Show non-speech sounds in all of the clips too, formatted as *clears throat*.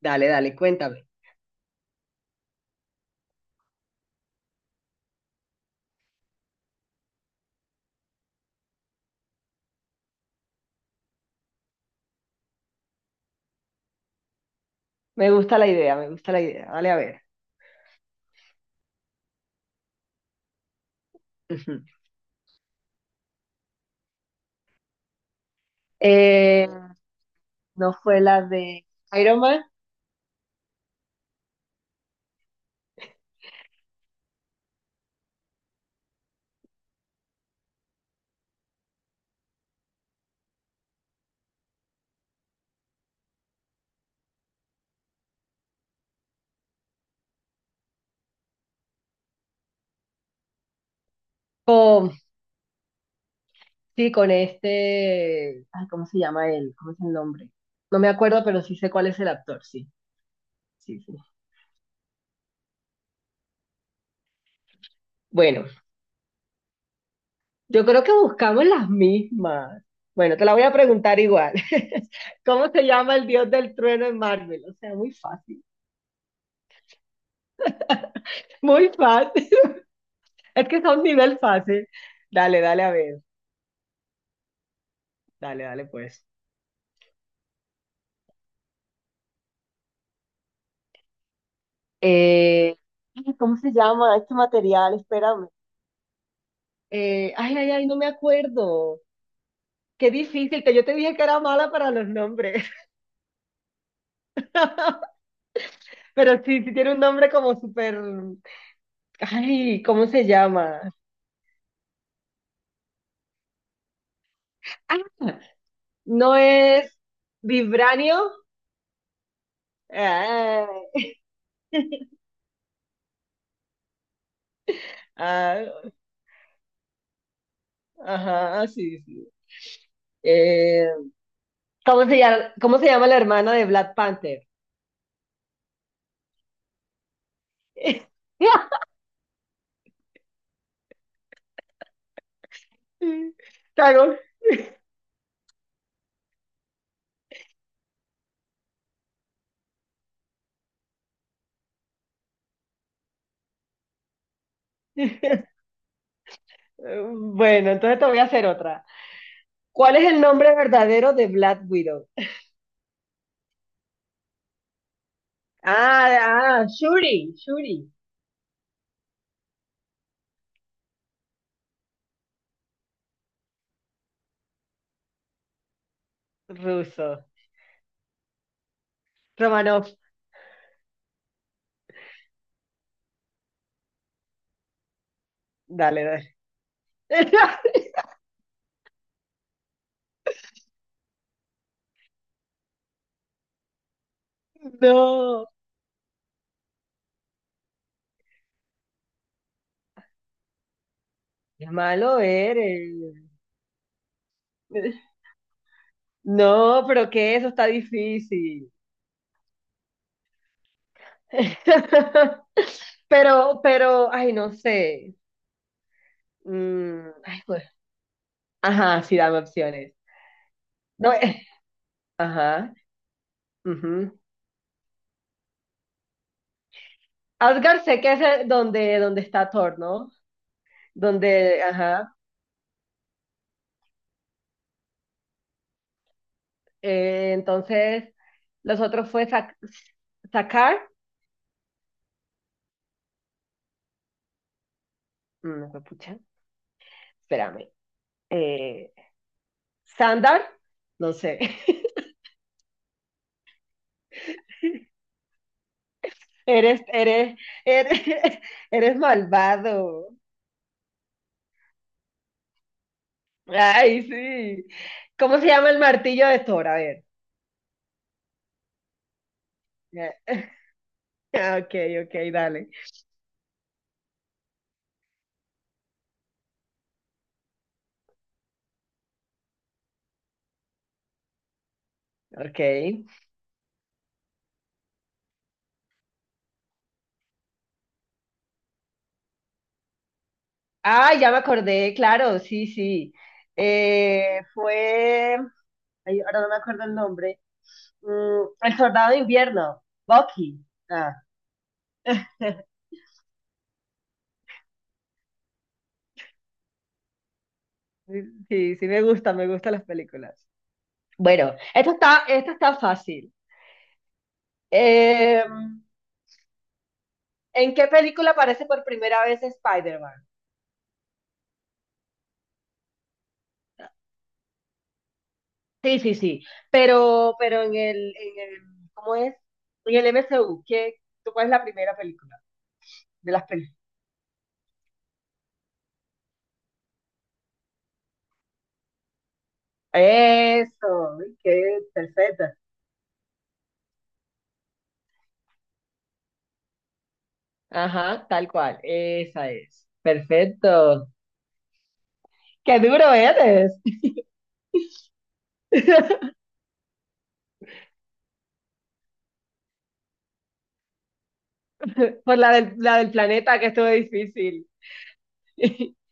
Dale, dale, cuéntame. Me gusta la idea, me gusta la idea. Dale a ver. Ujú. Eh, no fue la de Iron Man con, sí, con este, ay, ¿cómo se llama él? ¿Cómo es el nombre? No me acuerdo, pero sí sé cuál es el actor, sí, sí, sí. Bueno, yo creo que buscamos las mismas. Bueno, te la voy a preguntar igual. *laughs* ¿Cómo se llama el dios del trueno en Marvel? O sea, muy fácil, muy fácil. *laughs* Es que son nivel fácil. Dale, dale a ver. Dale, dale, pues. Eh, ay, ¿cómo se llama este material? Espérame. Ay, ay, ay, no me acuerdo. Qué difícil, que yo te dije que era mala para los nombres. *laughs* Pero sí, sí tiene un nombre como súper... Ay, ¿cómo se llama? Ah, no es vibranio. Ah, ah, ajá, sí, sí. Eh, cómo se llama la hermana de Black Panther? *laughs* Claro. *laughs* Bueno, entonces te voy a hacer otra. ¿Cuál es el nombre verdadero de Black Widow? Ah, ah, Shuri, Shuri. Ruso. Romanov. Dale, dale. *laughs* No, es malo eres. No, pero que eso está difícil. *laughs* Pero, ay, no sé. Ay, pues. Ajá, sí, dame opciones. No, ajá. Ujú. Asgard sé que es donde, donde está Thor, ¿no? Donde, ajá. Entonces, los otros fue Zakar, no fue pucha, espérame, eh, Sandar, no sé, *laughs* eres, eres, eres, *laughs* eres malvado. Ay, sí. ¿Cómo se llama el martillo de Thor? A ver. *laughs* Ok, ok, dale. Ok. Ah, ya me acordé, claro, sí, sí. Fue, ay, ahora no me acuerdo el nombre. Mm, el soldado de invierno, Bucky. Ah, *laughs* sí, sí me gusta, me gustan las películas. Bueno, esta está fácil. Eh, ¿En qué película aparece por primera vez Spider-Man? Sí, sí, sí. Pero en el, ¿cómo es? En el MCU, ¿qué, tú cuál es la primera película de las películas? Eso, qué perfecta. Ajá, tal cual, esa es. Perfecto. Qué duro eres. *laughs* Por la del planeta que estuvo difícil. *laughs*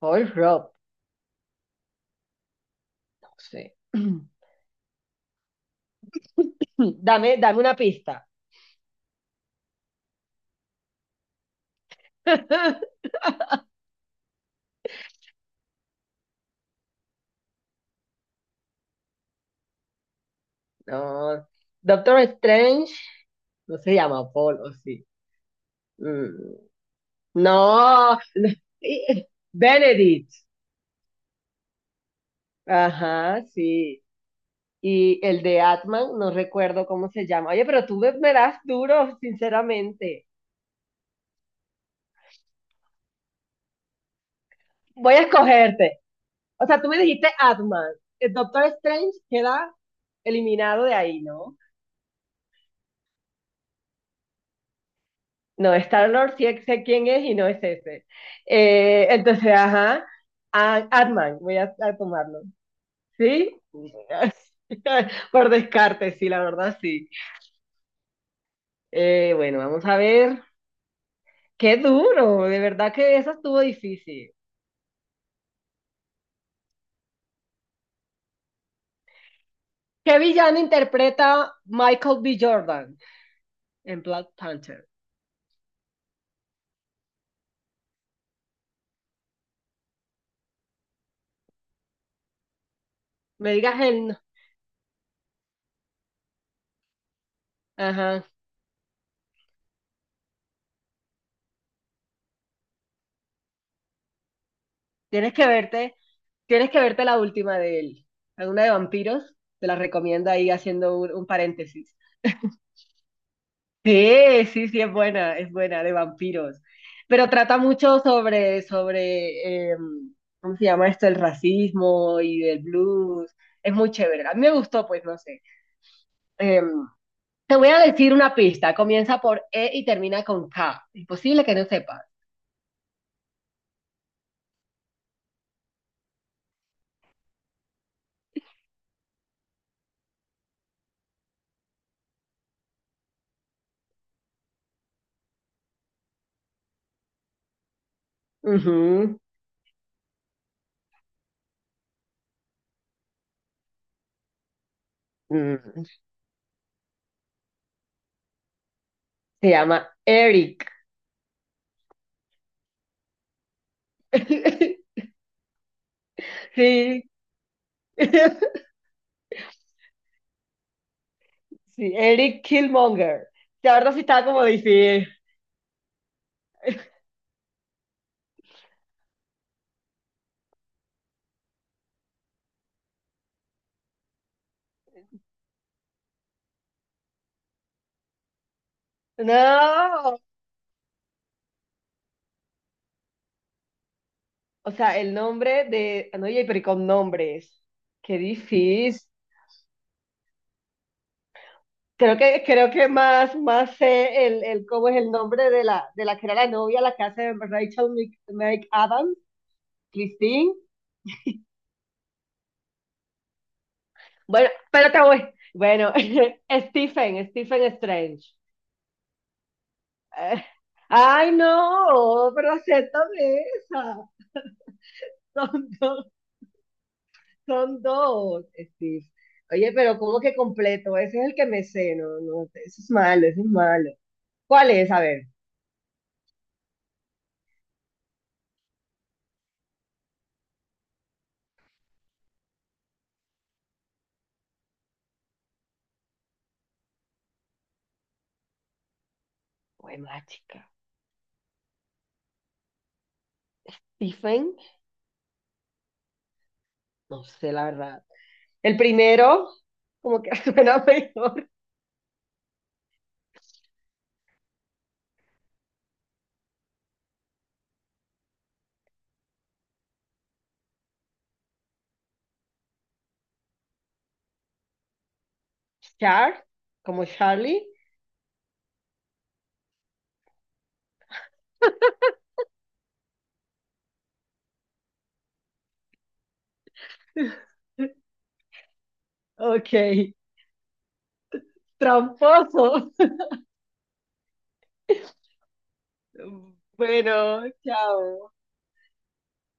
Paul Rob, no sé. *clears throat* Dame, dame una pista. *laughs* No, Doctor Strange no se llama Paul, o sí. Mm, no, *laughs* Benedict. Ajá, sí. Y el de Atman, no recuerdo cómo se llama. Oye, pero tú me, me das duro, sinceramente. Voy a escogerte. O sea, tú me dijiste Atman. El Doctor Strange queda eliminado de ahí, ¿no? No, Star-Lord sí sé quién es y no es ese. Entonces, ajá, Ant-Man, voy a tomarlo. ¿Sí? *laughs* Por descarte, sí, la verdad sí. Bueno, vamos a ver. Qué duro, de verdad que eso estuvo difícil. ¿Qué villano interpreta Michael B. Jordan en Black Panther? Me digas el... Ajá, tienes que verte, tienes que verte la última de él. Alguna de vampiros, te la recomiendo ahí haciendo un paréntesis. Sí, sí, sí, es buena, de vampiros. Pero trata mucho sobre, sobre, ¿cómo se llama esto? El racismo y del blues. Es muy chévere. A mí me gustó, pues no sé. Em, te voy a decir una pista. Comienza por E y termina con K. Imposible que no sepas. Ujú. Mm, se llama Eric. *laughs* Sí. *laughs* Sí, Eric Killmonger. La verdad sí estaba como difícil. No. O sea, el nombre de. Ah, no, oye pero y con nombres. Qué difícil. Creo que más, más sé el cómo es el nombre de la que era la novia, la que hace Rachel McAdams, Christine. Bueno, pero te voy. Bueno, *laughs* Stephen, Stephen Strange. Eh, Ay, no, pero acéptame esa. Son dos, son dos, Steve. Oye, pero ¿cómo que completo? Ese es el que me sé, no, no, eso es malo, eso es malo. ¿Cuál es? A ver. Bueno, chica. Stephen, no sé la verdad. El primero, como que *laughs* suena mejor. Char, como Charlie. *laughs* Ok, tramposo. *laughs* Bueno, chao.